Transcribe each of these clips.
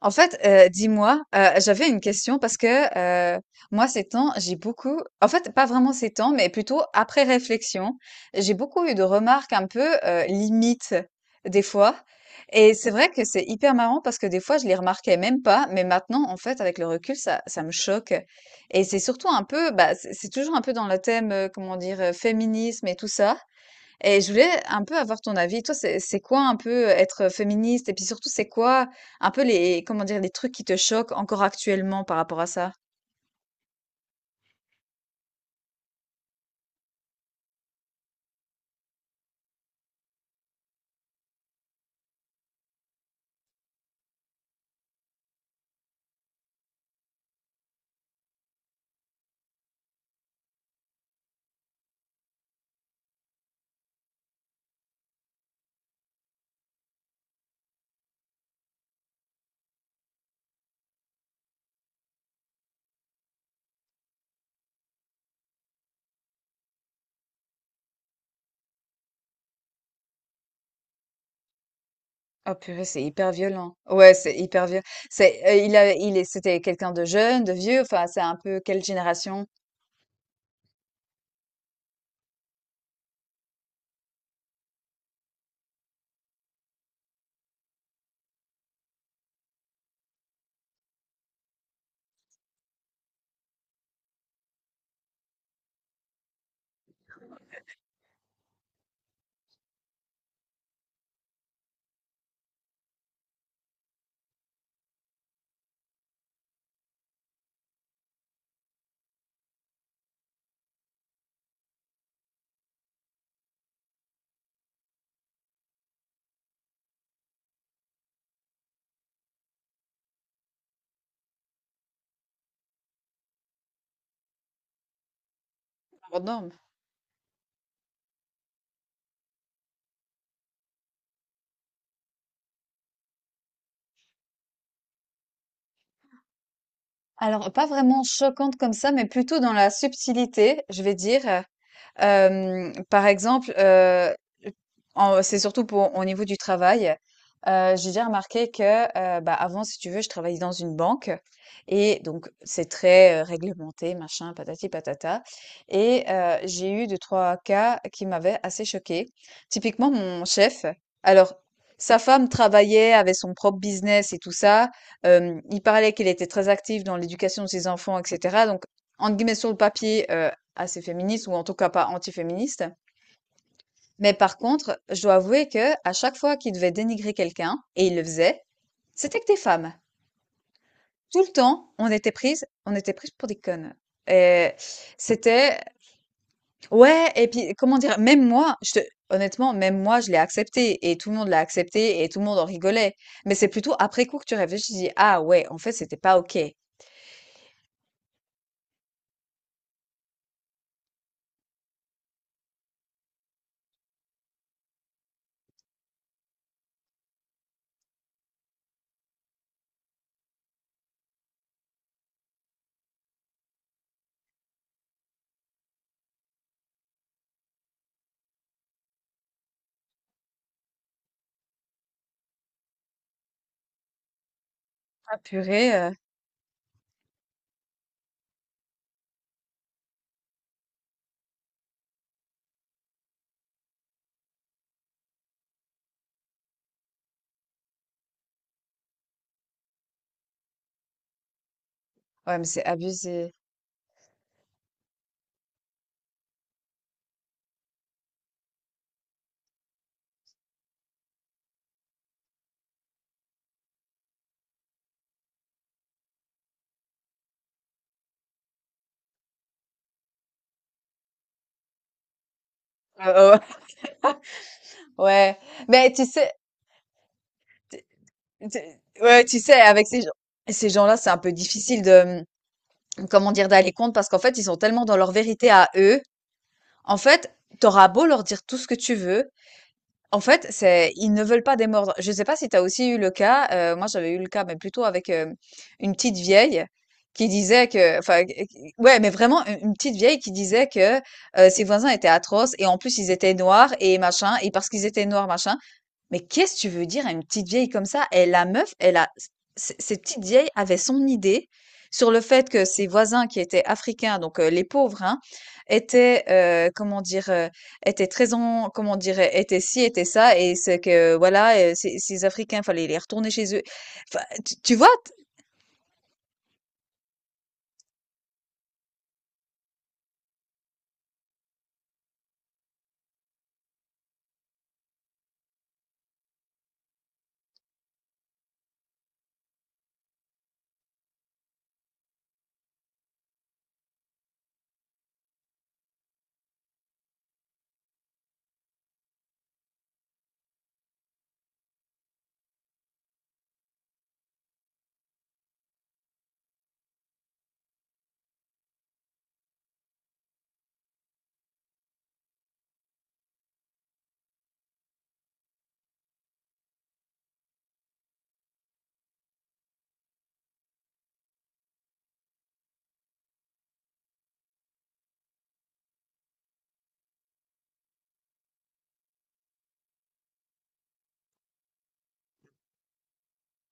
En fait, dis-moi, j'avais une question parce que, moi ces temps, j'ai beaucoup en fait, pas vraiment ces temps, mais plutôt après réflexion, j'ai beaucoup eu de remarques un peu, limites des fois. Et c'est vrai que c'est hyper marrant parce que des fois, je les remarquais même pas, mais maintenant, en fait, avec le recul, ça me choque. Et c'est surtout un peu, bah, c'est toujours un peu dans le thème, comment dire? Féminisme et tout ça. Et je voulais un peu avoir ton avis. Toi, c'est quoi un peu être féministe? Et puis surtout, c'est quoi un peu les, comment dire, les trucs qui te choquent encore actuellement par rapport à ça? Oh purée, c'est hyper violent. Ouais, c'est hyper violent. C'est, il a, il est, c'était quelqu'un de jeune, de vieux. Enfin, c'est un peu quelle génération? Hors norme. Alors, pas vraiment choquante comme ça, mais plutôt dans la subtilité, je vais dire. Par exemple, en c'est surtout pour au niveau du travail. J'ai déjà remarqué que, bah, avant, si tu veux, je travaillais dans une banque et donc c'est très, réglementé, machin, patati patata. Et j'ai eu deux trois cas qui m'avaient assez choquée. Typiquement, mon chef, alors sa femme travaillait, avait son propre business et tout ça. Il parlait qu'il était très actif dans l'éducation de ses enfants et cetera, donc entre guillemets «sur le papier», assez féministe ou en tout cas pas antiféministe. Mais par contre, je dois avouer que à chaque fois qu'il devait dénigrer quelqu'un, et il le faisait, c'était que des femmes. Tout le temps, on était prises pour des connes. Et c'était ouais. Et puis comment dire? Même moi, je te honnêtement, même moi, je l'ai accepté et tout le monde l'a accepté et tout le monde en rigolait. Mais c'est plutôt après coup que tu réfléchis, tu dis: «Ah ouais, en fait, c'était pas OK». Ah purée, ouais, mais c'est abusé. Heu, heu, ouais, mais tu sais tu tu ouais, tu sais, avec ces gens-là, c'est un peu difficile de, mmh, comment dire? D'aller contre parce qu'en fait, ils sont tellement dans leur vérité à eux. En fait, t'auras beau leur dire tout ce que tu veux, en fait, c'est ils ne veulent pas démordre. Je sais pas si tu as aussi eu le cas, moi j'avais eu le cas, mais plutôt avec, une petite vieille qui disait que enfin, q q ouais, mais vraiment u une petite vieille qui disait que, ses voisins étaient atroces et en plus ils étaient noirs et machin et parce qu'ils étaient noirs, machin, mais qu'est-ce que tu veux dire à une petite vieille comme ça? Et la meuf, elle a, c- cette petite vieille avait son idée sur le fait que ses voisins qui étaient africains, donc les pauvres, hein, étaient, étaient très en, comment dire, étaient ci, étaient ça, et c'est que, voilà, ces Africains, fallait les retourner chez eux. Enfin, tu vois?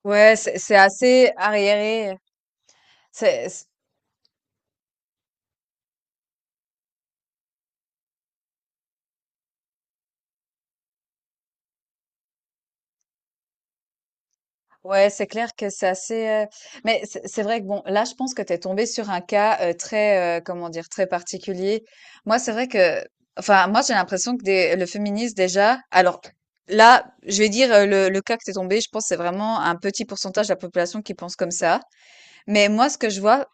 Ouais, c'est assez arriéré. C'est, Ouais, c'est clair que c'est assez. Mais c'est vrai que bon, là, je pense que t'es tombé sur un cas très, comment dire, très particulier. Moi, c'est vrai que, enfin, moi, j'ai l'impression que le féminisme déjà. Alors là, je vais dire le cas que t'es tombé. Je pense que c'est vraiment un petit pourcentage de la population qui pense comme ça. Mais moi, ce que je vois,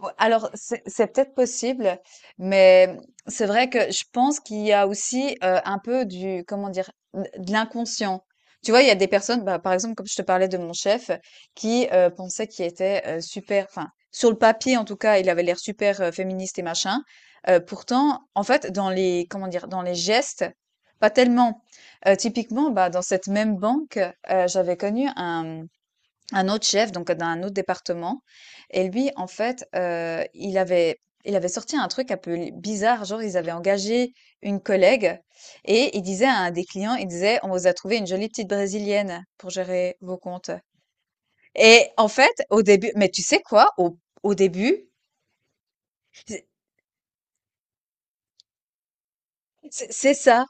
ouais. Alors, c'est peut-être possible, mais c'est vrai que je pense qu'il y a aussi un peu du, comment dire, de l'inconscient. Tu vois, il y a des personnes, bah, par exemple, comme je te parlais de mon chef, qui pensait qu'il était super, enfin, sur le papier en tout cas, il avait l'air super féministe et machin. Pourtant, en fait, dans les, comment dire, dans les gestes, pas tellement. Typiquement, bah, dans cette même banque, j'avais connu un autre chef, donc d'un autre département. Et lui, en fait, il avait sorti un truc un peu l bizarre, genre ils avaient engagé une collègue et il disait à un des clients, il disait: «On vous a trouvé une jolie petite brésilienne pour gérer vos comptes». Et en fait, au début mais tu sais quoi? Au au début, c'est c'est c'est ça.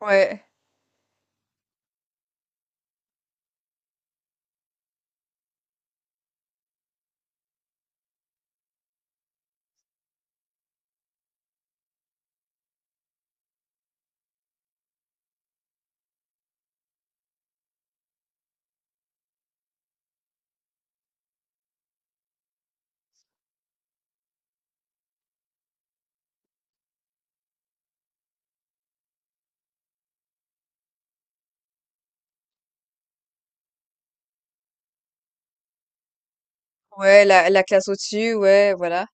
Ouais, ouais, la classe au-dessus, ouais, voilà.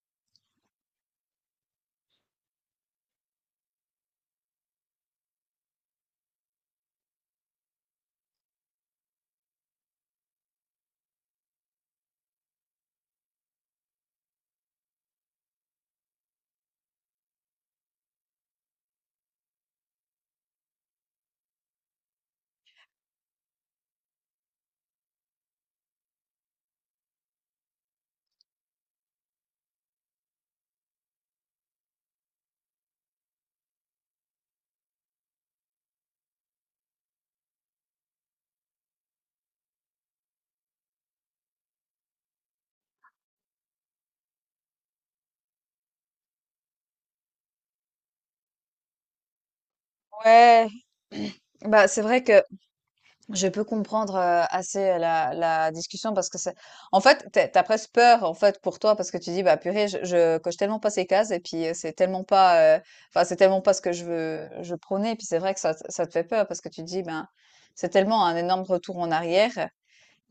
Ouais. Bah, c'est vrai que je peux comprendre, assez la discussion parce que c'est en fait, t'as es presque peur, en fait, pour toi parce que tu dis: «Bah, purée, je coche tellement pas ces cases et puis, c'est tellement pas, enfin, c'est tellement pas ce que je prônais». Et puis c'est vrai que ça te fait peur parce que tu dis: «Ben, c'est tellement un énorme retour en arrière».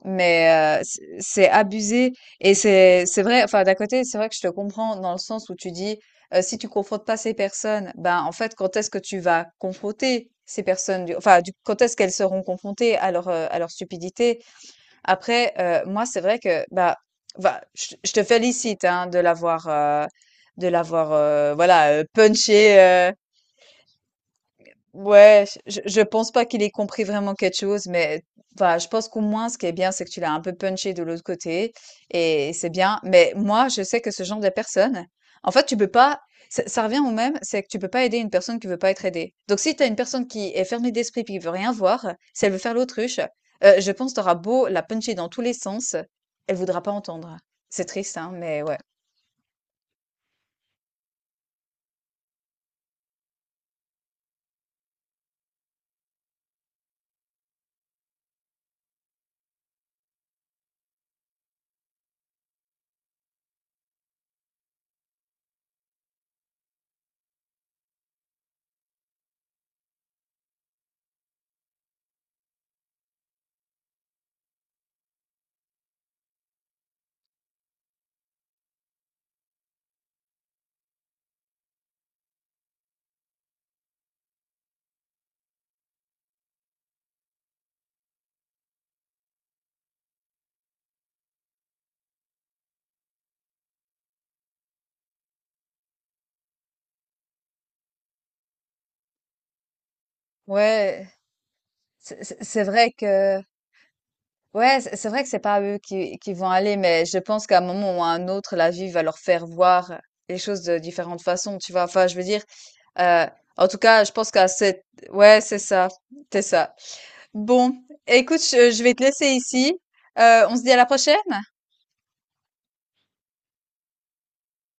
Mais c'est abusé et c'est vrai. Enfin, d'un côté, c'est vrai que je te comprends dans le sens où tu dis si tu confrontes pas ces personnes, ben en fait, quand est-ce que tu vas confronter ces personnes, quand est-ce qu'elles seront confrontées à leur stupidité? Après, moi, c'est vrai que bah je te félicite hein, de l'avoir voilà punché. Ouais, je pense pas qu'il ait compris vraiment quelque chose, mais enfin, je pense qu'au moins, ce qui est bien, c'est que tu l'as un peu punché de l'autre côté, et c'est bien. Mais moi, je sais que ce genre de personne, en fait, tu peux pas, ça revient au même, c'est que tu peux pas aider une personne qui veut pas être aidée. Donc, si t'as une personne qui est fermée d'esprit puis qui veut rien voir, si elle veut faire l'autruche, je pense t'auras beau la puncher dans tous les sens, elle voudra pas entendre. C'est triste, hein, mais ouais. Ouais. C'est vrai que, ouais, c'est vrai que c'est pas eux qui vont aller, mais je pense qu'à un moment ou à un autre, la vie va leur faire voir les choses de différentes façons, tu vois. Enfin, je veux dire, euh, en tout cas, je pense qu'à cette, ouais, c'est ça. Bon, écoute, je vais te laisser ici. On se dit à la prochaine.